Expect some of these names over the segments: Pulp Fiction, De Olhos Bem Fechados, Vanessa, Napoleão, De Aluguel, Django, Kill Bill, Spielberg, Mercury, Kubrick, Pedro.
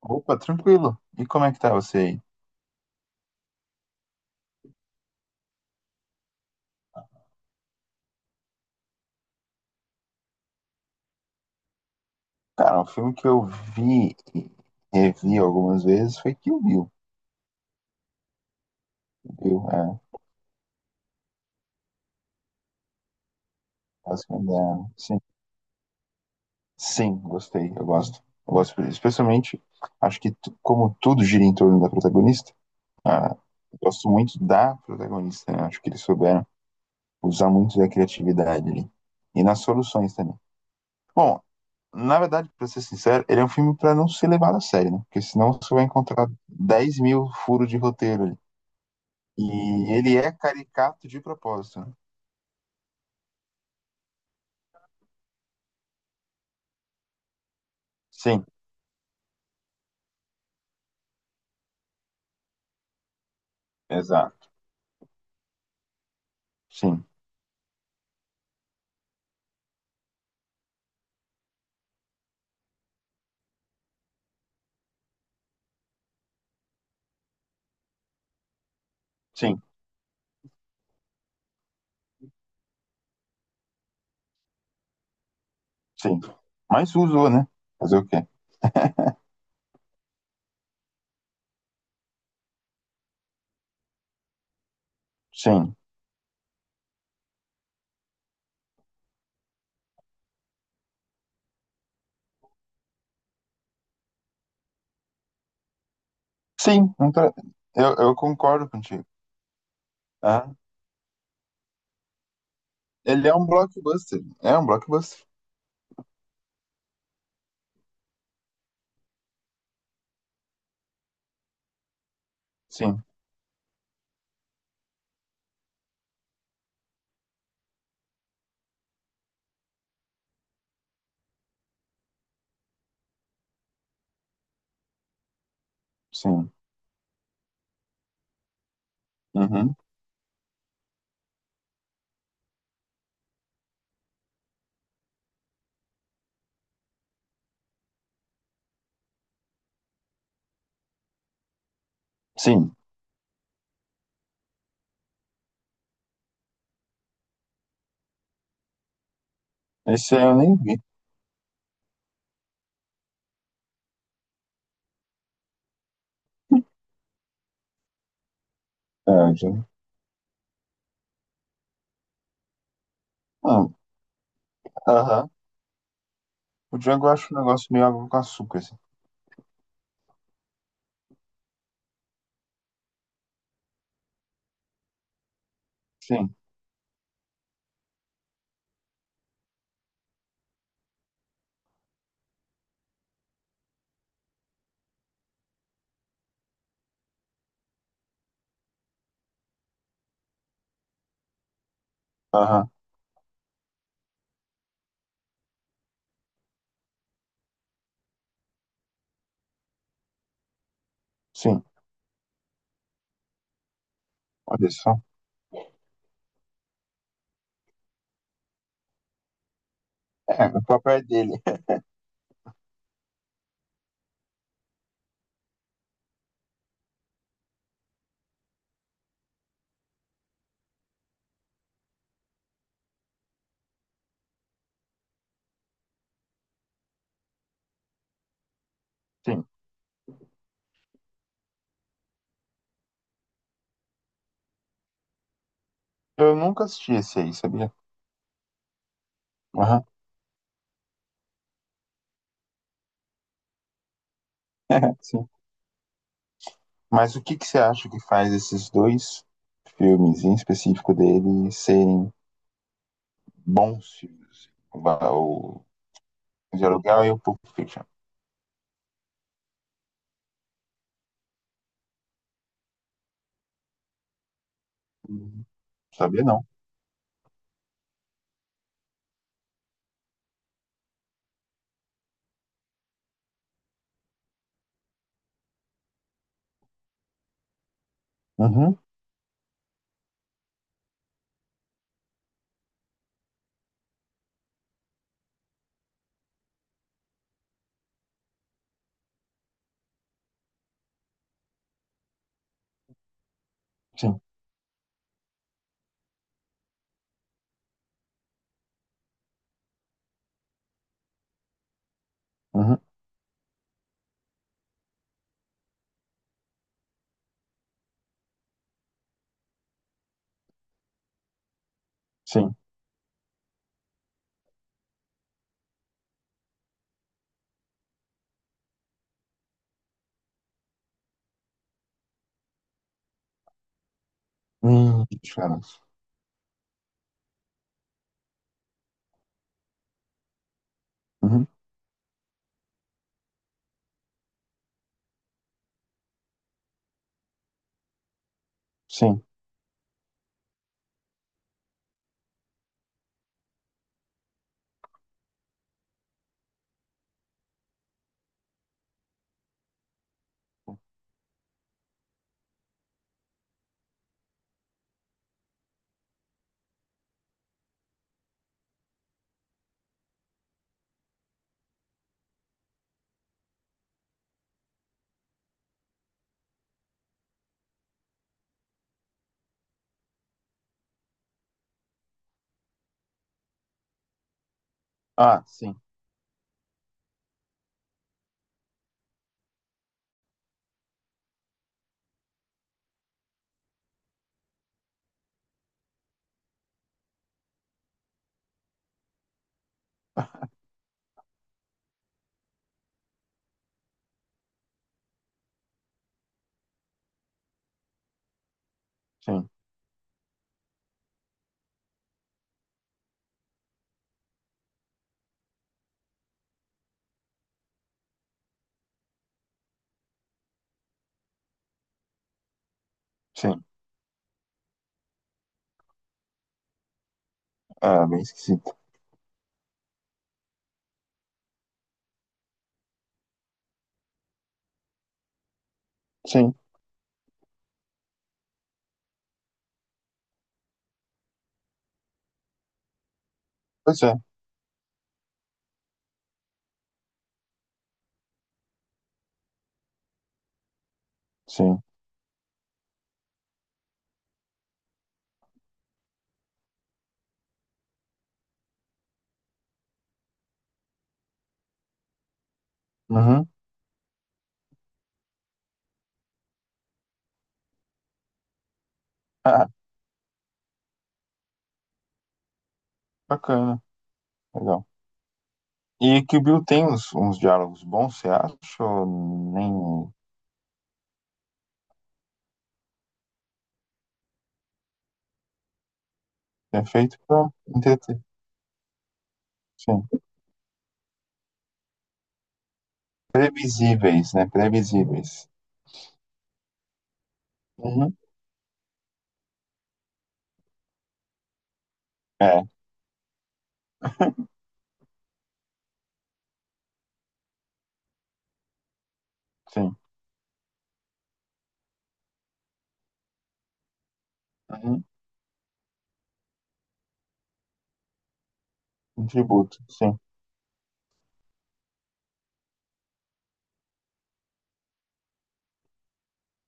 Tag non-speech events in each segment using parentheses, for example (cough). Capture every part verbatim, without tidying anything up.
Opa, tranquilo. E como é que tá você aí? Cara, um filme que eu vi e revi algumas vezes foi Kill Bill, viu? É, basicamente, é, sim, sim, gostei, eu gosto. Eu gosto, especialmente, acho que tu- como tudo gira em torno da protagonista, ah, eu gosto muito da protagonista, né? Acho que eles souberam usar muito da criatividade ali. E nas soluções também. Bom, na verdade, pra ser sincero, ele é um filme pra não ser levado a sério, né? Porque senão você vai encontrar dez mil furos de roteiro. E ele é caricato de propósito, né? Sim, exato. Sim, sim, sim. Mas usou, né? Fazer o quê? Sim. Sim, não tra- eu, eu concordo contigo. Ah, ele é um blockbuster. É um blockbuster. Sim, sim. Uhum. Sim. Esse aí eu nem vi. É, já... Hum, aham. O Django eu acho um negócio meio água com açúcar, assim. Sim, aham, sim. Olha só, o papel é dele. (laughs) Sim. Eu nunca assisti esse aí, sabia? Aham, (laughs) sim. Mas o que que você acha que faz esses dois filmes, em específico dele, serem bons filmes? O, Va- o De Aluguel e o Pulp Fiction. Uhum. Sabia não. Uhum. Sim. Uhum. Sim. Hum, que diferença. Uhum. Sim. Ah, sim. Sim. Sim. Ah, bem esquisito. Sim. Pois é. Sim. Uhum. Ah, bacana. Legal. E que o Bill tem uns, uns diálogos bons, você acha? Ou nem... É feito pra entreter. Sim. Previsíveis, né? Previsíveis. Uhum. É, (laughs) sim. Uhum. Um tributo, sim,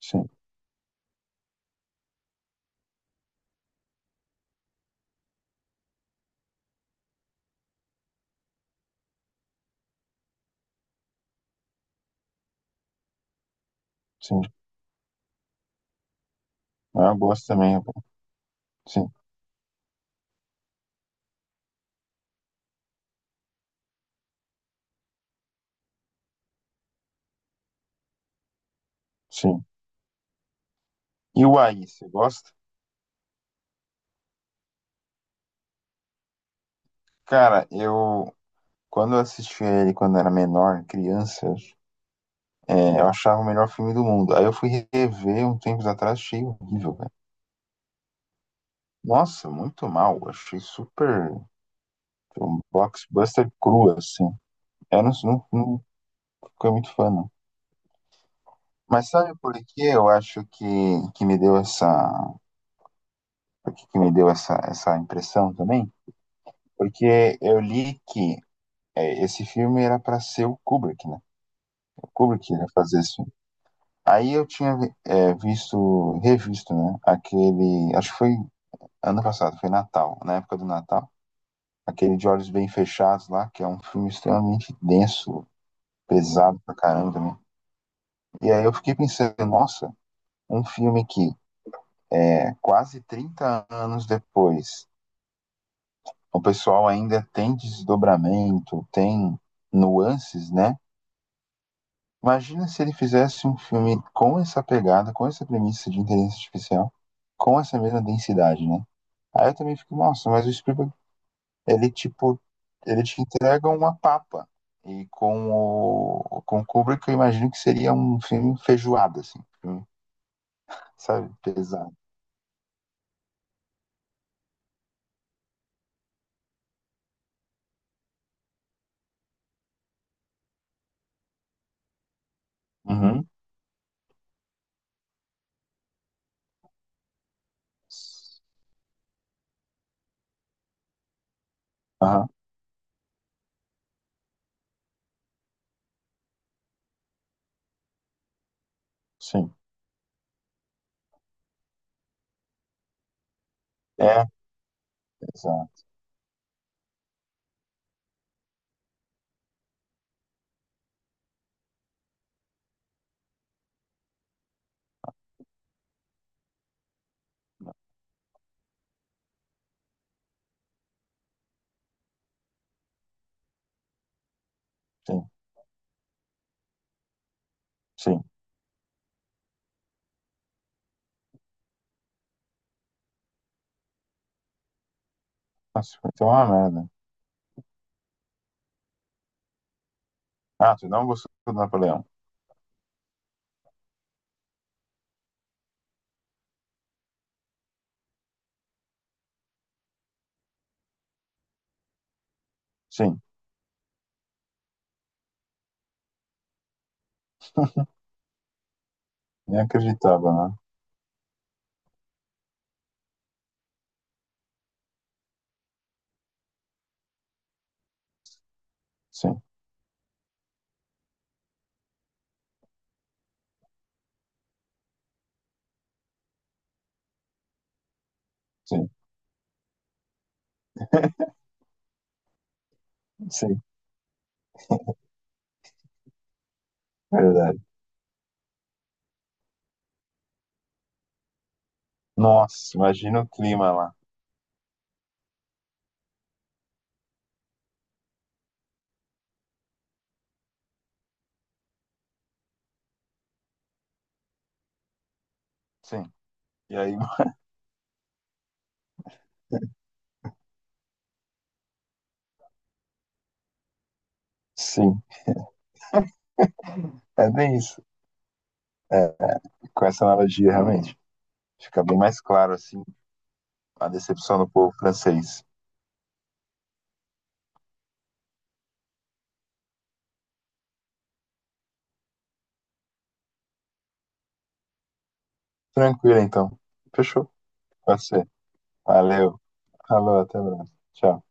sim, sim. Ah, eu gosto também, é bom. Sim, sim. E o Aí, você gosta? Cara, eu quando eu assisti ele quando era menor, criança, é, eu achava o melhor filme do mundo. Aí eu fui rever um tempo atrás, achei horrível, cara. Nossa, muito mal. Achei super um blockbuster cru, assim. Eu não, não, não fiquei muito fã, não. Mas sabe por que eu acho que, que me deu essa, por que que me deu essa, essa impressão também? Porque eu li que é, esse filme era para ser o Kubrick, né? O Kubrick ia fazer esse filme. Aí eu tinha vi- é, visto, revisto, né? Aquele, acho que foi ano passado, foi Natal, na época do Natal. Aquele De Olhos Bem Fechados lá, que é um filme extremamente denso, pesado pra caramba também. E aí eu fiquei pensando, nossa, um filme que é quase trinta anos depois o pessoal ainda tem desdobramento, tem nuances, né? Imagina se ele fizesse um filme com essa pegada, com essa premissa de inteligência artificial, com essa mesma densidade, né? Aí eu também fico, nossa, mas o Spielberg, ele tipo, ele te entrega uma papa. E com o, com o Kubrick, eu imagino que seria um filme feijoada, assim, um filme, sabe? Pesado. Uhum. Aham, sim. É, exato. Sim, sim. Nossa, vai ter uma merda. Ah, tu não gostou do Napoleão? Sim, nem acreditava, né? Sim, sim, sim, verdade. Nossa, imagina o clima lá. Sim, e aí, (laughs) sim, é bem isso. É, com essa analogia, realmente, fica bem mais claro, assim, a decepção do povo francês. Tranquilo, então. Fechou? Pode ser. Valeu. Falou, até mais. Tchau.